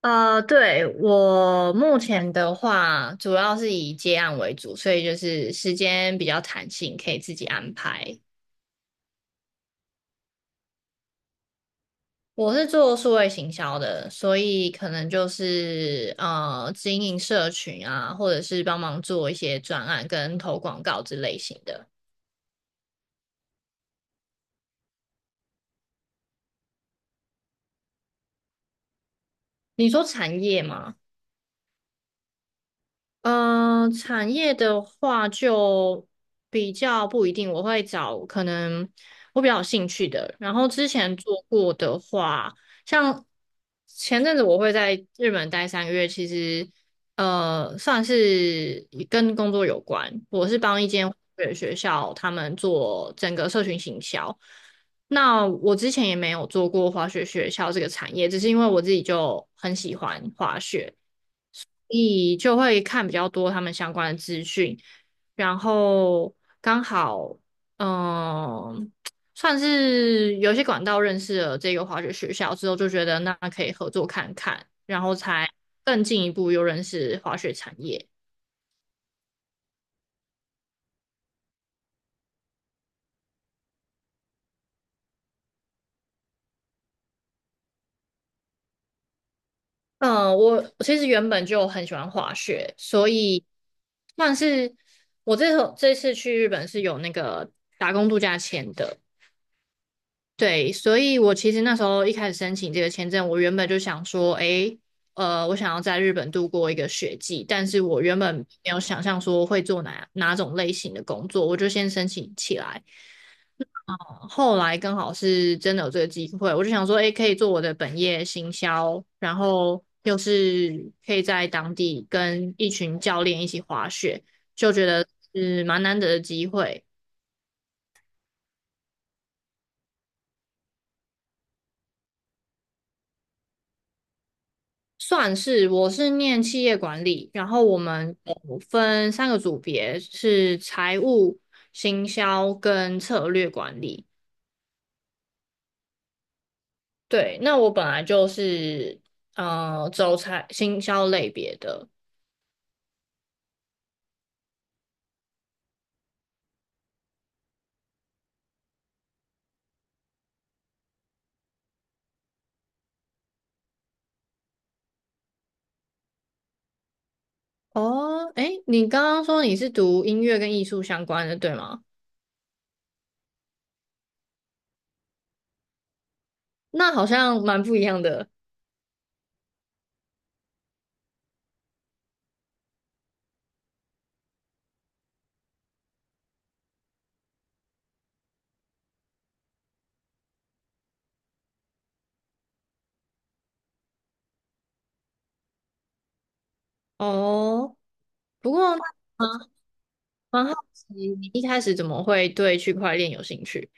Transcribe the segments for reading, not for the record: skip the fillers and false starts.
对，我目前的话，主要是以接案为主，所以就是时间比较弹性，可以自己安排。我是做数位行销的，所以可能就是经营社群啊，或者是帮忙做一些专案跟投广告之类型的。你说产业吗？嗯，产业的话就比较不一定，我会找可能我比较有兴趣的。然后之前做过的话，像前阵子我会在日本待3个月，其实算是跟工作有关。我是帮一间学校他们做整个社群行销。那我之前也没有做过滑雪学校这个产业，只是因为我自己就很喜欢滑雪。你就会看比较多他们相关的资讯，然后刚好，嗯，算是有些管道认识了这个滑雪学校之后，就觉得那可以合作看看，然后才更进一步又认识滑雪产业。嗯，我其实原本就很喜欢滑雪，所以算是我这次去日本是有那个打工度假签的。对，所以我其实那时候一开始申请这个签证，我原本就想说，诶，我想要在日本度过一个雪季，但是我原本没有想象说会做哪种类型的工作，我就先申请起来。后来刚好是真的有这个机会，我就想说，诶，可以做我的本业行销，然后又是可以在当地跟一群教练一起滑雪，就觉得是蛮难得的机会。算是，我是念企业管理，然后我们有分三个组别，是财务、行销跟策略管理。对，那我本来就是走财行销类别的。哦，诶，你刚刚说你是读音乐跟艺术相关的，对吗？那好像蛮不一样的哦。不过蛮好奇，你一开始怎么会对区块链有兴趣？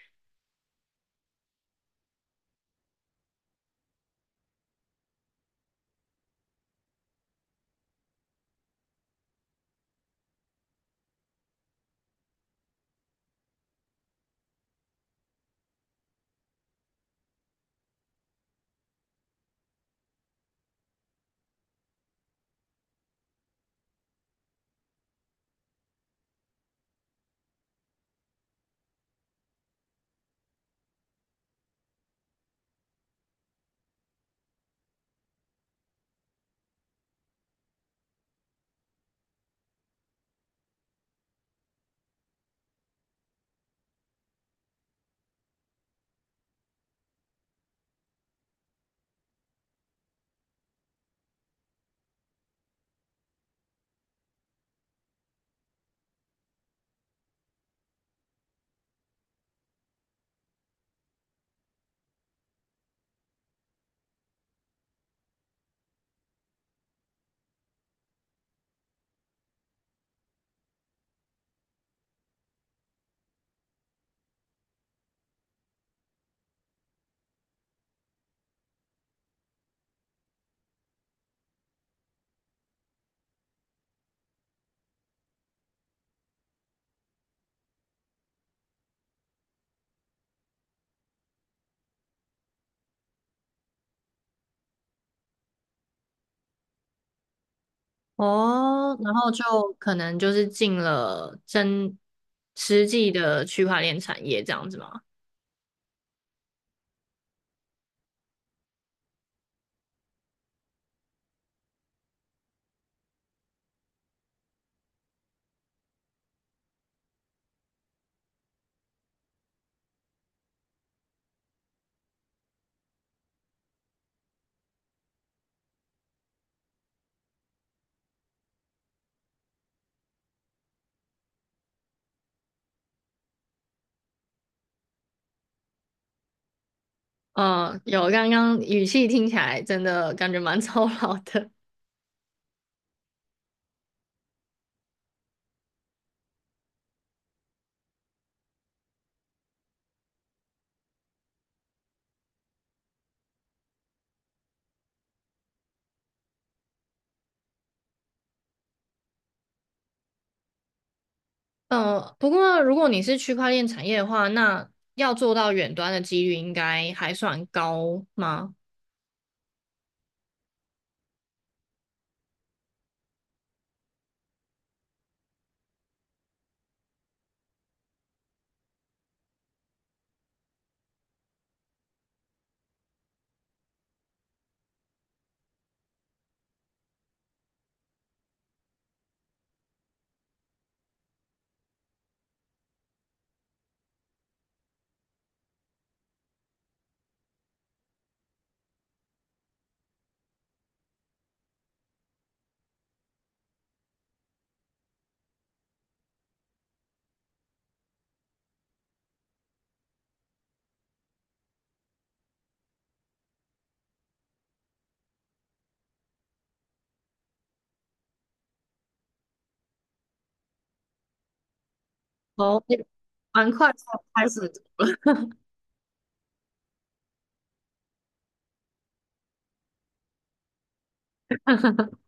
哦，然后就可能就是进了真实际的区块链产业这样子吗？嗯，有，刚刚语气听起来真的感觉蛮 操劳的。嗯，不过如果你是区块链产业的话，那要做到远端的几率应该还算高吗？哦，蛮快就开始。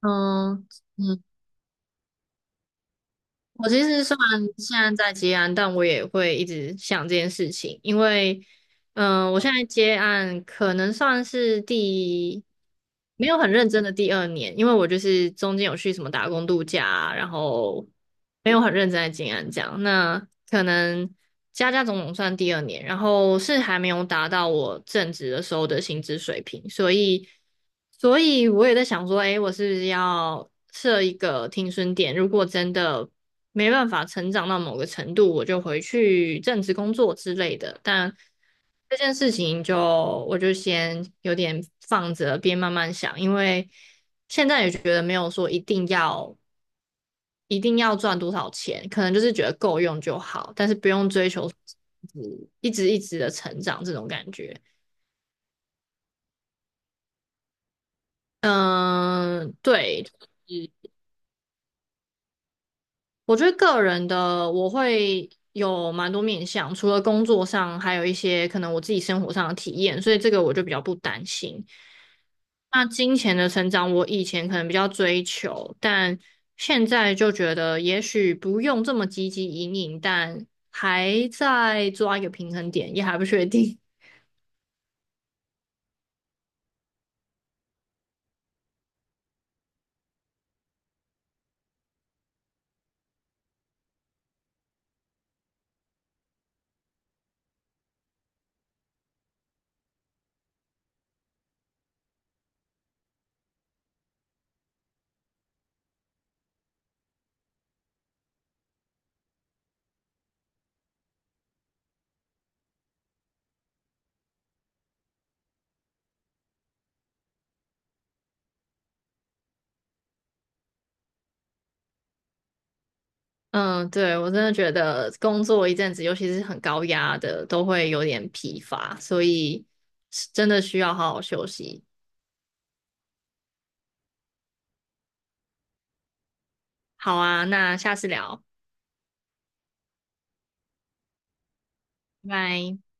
嗯，嗯。我其实虽然现在在接案，但我也会一直想这件事情，因为，嗯、我现在接案可能算是第没有很认真的第二年，因为我就是中间有去什么打工度假啊然后没有很认真在接案这样。那可能加加总总算第二年，然后是还没有达到我正职的时候的薪资水平，所以，所以我也在想说，诶，我是不是要设一个停损点？如果真的没办法成长到某个程度，我就回去正职工作之类的。但这件事情就我就先有点放着，边慢慢想，因为现在也觉得没有说一定要赚多少钱，可能就是觉得够用就好，但是不用追求一直的成长这种感觉。嗯，对，我觉得个人的我会有蛮多面向，除了工作上，还有一些可能我自己生活上的体验，所以这个我就比较不担心。那金钱的成长，我以前可能比较追求，但现在就觉得也许不用这么积极引领，但还在抓一个平衡点，也还不确定。嗯，对，我真的觉得工作一阵子，尤其是很高压的，都会有点疲乏，所以是真的需要好好休息。好啊，那下次聊，拜拜。